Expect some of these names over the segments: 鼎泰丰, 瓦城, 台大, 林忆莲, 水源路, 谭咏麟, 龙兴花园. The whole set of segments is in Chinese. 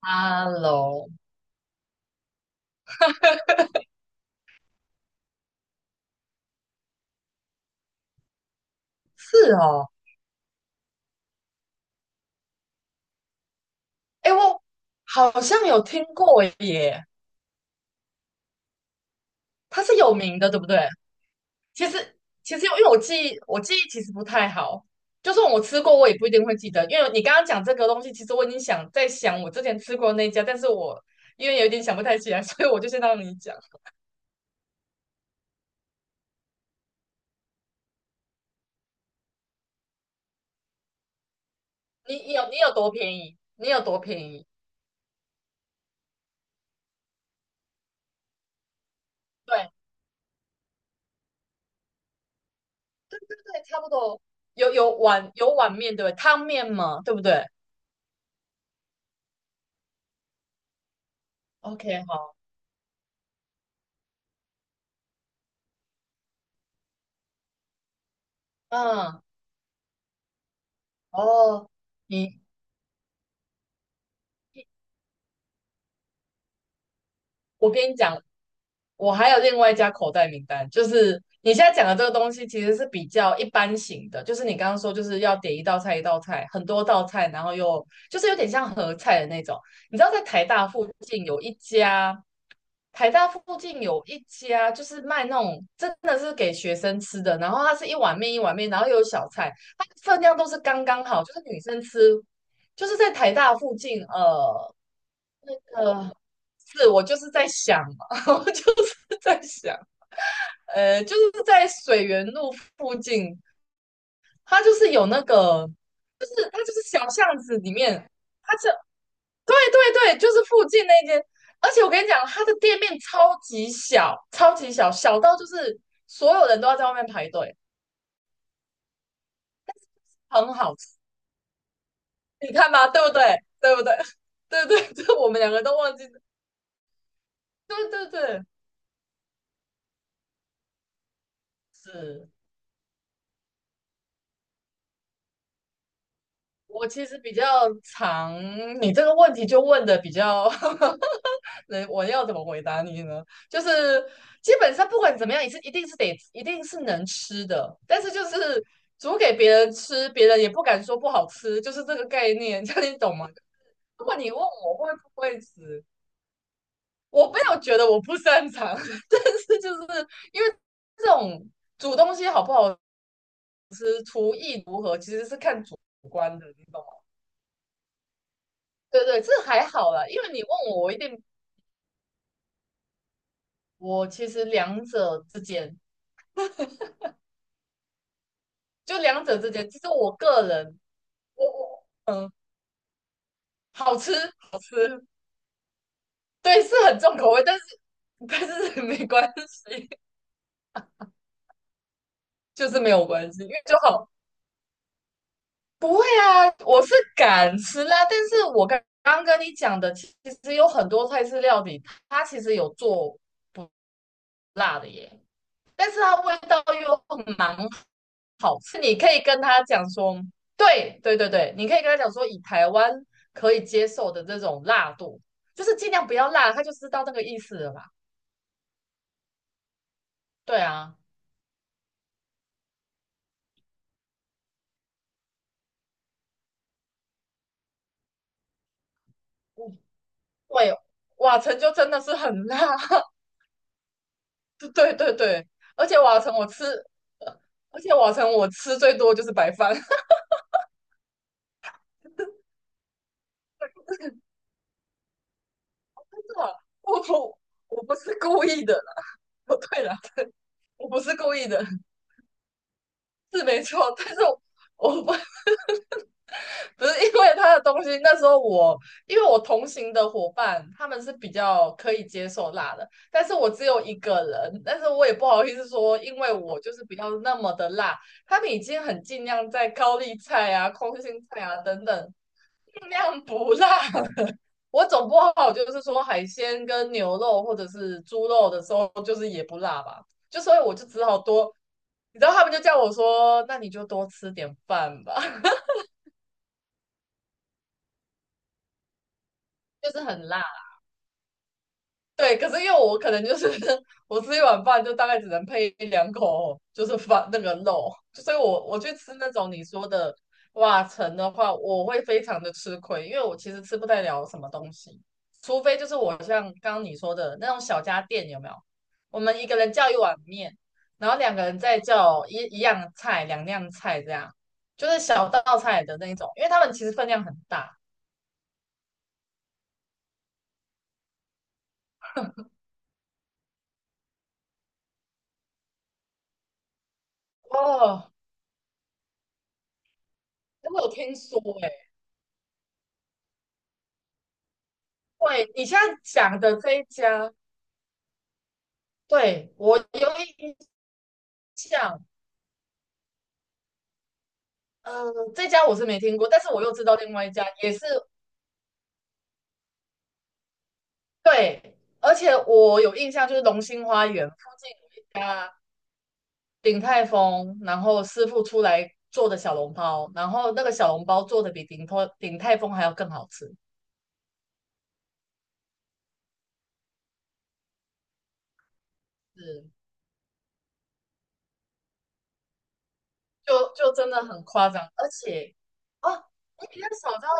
哈 e 是哦。哎，我好像有听过耶，它是有名的，对不对？其实其实因为我记忆其实不太好，就算我吃过，我也不一定会记得，因为你刚刚讲这个东西，其实我已经想在想我之前吃过那一家，但是我因为有点想不太起来，所以我就先让你讲。你有多便宜？你有多便宜？对对对对，差不多。有碗面对不对？汤面嘛，对不对？OK,好，嗯，哦，你。我跟你讲，我还有另外一家口袋名单，就是你现在讲的这个东西，其实是比较一般型的，就是你刚刚说就是要点一道菜一道菜，很多道菜，然后又就是有点像合菜的那种。你知道在台大附近有一家，台大附近有一家就是卖那种真的是给学生吃的，然后它是一碗面一碗面，然后又有小菜，它分量都是刚刚好，就是女生吃，就是在台大附近，呃。是我就是在想嘛，我就是在想，就是在水源路附近。它就是有那个，就是它就是小巷子里面，它是对对对，就是附近那间。而且我跟你讲，它的店面超级小，超级小，小到就是所有人都要在外面排队，很好吃。你看吧，对不对？对不对？对对，对，我们两个都忘记了，对对对，是。我其实比较常，你这个问题就问的比较，能我要怎么回答你呢？就是基本上不管怎么样，也是一定是能吃的，但是就是煮给别人吃，别人也不敢说不好吃，就是这个概念，这样你懂吗？如果你问我会不会吃，我没有觉得我不擅长，但是就是因为这种煮东西好不好无关的，你懂吗？对对，这还好啦，因为你问我，我一定我其实两者之间，就两者之间，其实我个人，我我嗯，好吃好吃。对，是很重口味，但是但是 没关系，就是没有关系，因为就好，不会啊，我是敢吃辣，但是我刚刚跟你讲的，其实有很多菜式料理，它其实有做辣的耶。但是它味道又蛮好，是你可以跟他讲说，对对对对，你可以跟他讲说，以台湾可以接受的这种辣度，就是尽量不要辣，他就知道那个意思了啦。对啊，嗯，对，瓦城就真的是很辣，对对对对，而且瓦城我吃，而且瓦城我吃最多就是白饭，真的我不我不是故意的啦，不对啦，我不是故意的，是没错，但是我不是因为他的东西，那时候我因为我同行的伙伴他们是比较可以接受辣的，但是我只有一个人，但是我也不好意思说，因为我就是比较那么的辣，他们已经很尽量在高丽菜啊、空心菜啊等等尽量不辣。我总不好就是说海鲜跟牛肉或者是猪肉的时候，就是也不辣吧，就所以我就只好多，你知道他们就叫我说，那你就多吃点饭吧，就是很辣。对，可是因为我可能就是 我吃一碗饭就大概只能配一两口，就是饭那个肉，所以我去吃那种你说的瓦城的话，我会非常的吃亏，因为我其实吃不太了什么东西，除非就是我像刚刚你说的那种小家店有没有？我们一个人叫一碗面，然后两个人再叫一样菜、两样菜这样，就是小道菜的那种，因为他们其实分量很大哦。我有听说欸。对，你现在讲的这一家，对，我有印象。呃，这家我是没听过，但是我又知道另外一家也是对，而且我有印象，就是龙兴花园附近有一家鼎泰丰，然后师傅出来做的小笼包，然后那个小笼包做的比鼎泰丰还要更好吃，是，就就真的很夸张。而且哦，你比较少知道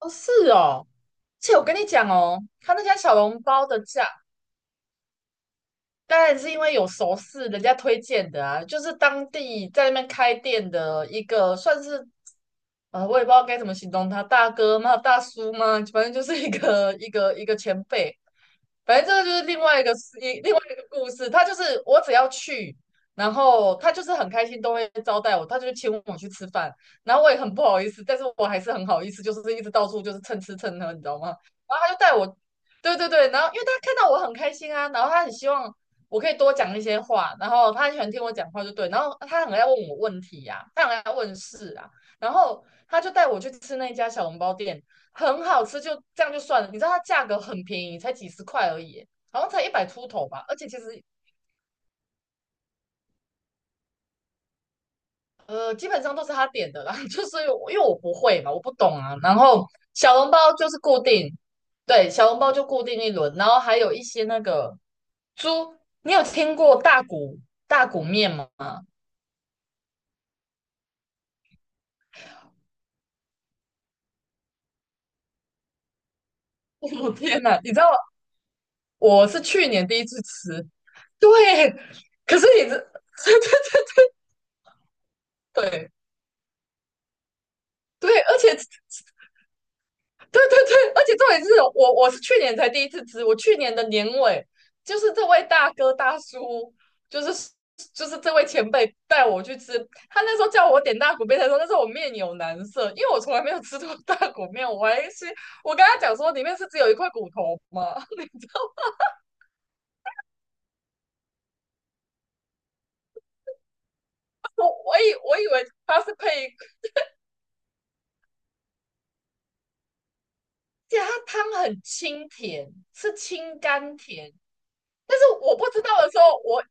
那哦，是哦，而且我跟你讲哦，他那家小笼包的价。当然是因为有熟识，人家推荐的啊，就是当地在那边开店的一个，算是呃，我也不知道该怎么形容他，大哥吗？大叔吗？反正就是一个前辈。反正这个就是另外一个事，一另外一个故事。他就是我只要去，然后他就是很开心，都会招待我，他就请我去吃饭，然后我也很不好意思，但是我还是很好意思，就是一直到处就是蹭吃蹭喝，你知道吗？然后他就带我，对对对，然后因为他看到我很开心啊，然后他很希望我可以多讲一些话，然后他很喜欢听我讲话，就对，然后他很爱问我问题呀、他很爱问事啊，然后他就带我去吃那家小笼包店。很好吃，就这样就算了。你知道它价格很便宜，才几十块而已，好像才一百出头吧。而且其实呃，基本上都是他点的啦，就是我因为我不会嘛，我不懂啊。然后小笼包就是固定，对，小笼包就固定一轮，然后还有一些那个猪，你有听过大骨面吗？我天哪，你知道我是去年第一次吃，对，可是你这 对对，而且对对对，而且重点是我是去年才第一次吃，我去年的年尾就是这位大哥大叔，就是就是这位前辈带我去吃，他那时候叫我点大骨面的时候，那时候我面有难色，因为我从来没有吃过大骨面，我还是我跟他讲说里面是只有一块骨头吗？我以为他是配，而且它汤很清甜，是清甘甜，但是我不知道的时候，我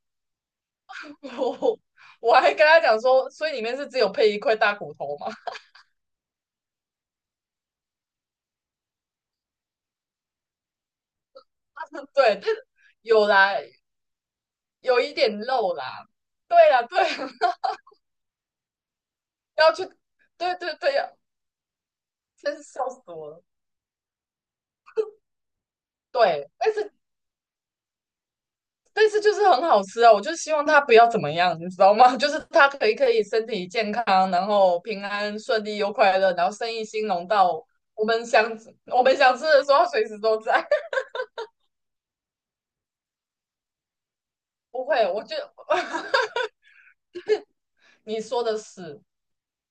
我我还跟他讲说，所以里面是只有配一块大骨头吗？对，但有啦，有一点肉啦。对呀，对啊，要去，对对对，呀，真是笑死我了。对，但是但是就是很好吃啊，我就希望它不要怎么样，你知道吗？就是它可以可以身体健康，然后平安顺利又快乐，然后生意兴隆到我们想我们想吃的时候随时都在。不会，我觉得 你说的是，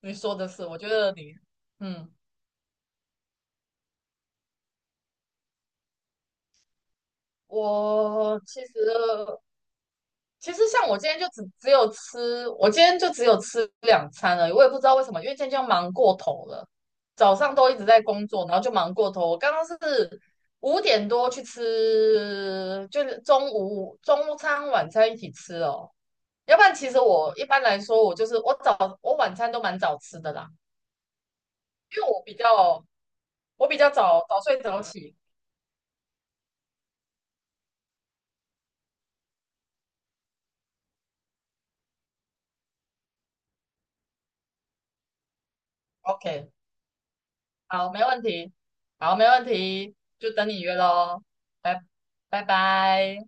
你说的是，我觉得你，嗯，我其实像我今天就只有吃，我今天就只有吃两餐了，我也不知道为什么，因为今天就忙过头了，早上都一直在工作，然后就忙过头。我刚刚是五点多去吃，就是中午中餐晚餐一起吃哦。要不然其实我一般来说，我就是我早我晚餐都蛮早吃的啦，因为我比较早早睡早起。OK,好，没问题，好，没问题，就等你约喽，拜拜拜。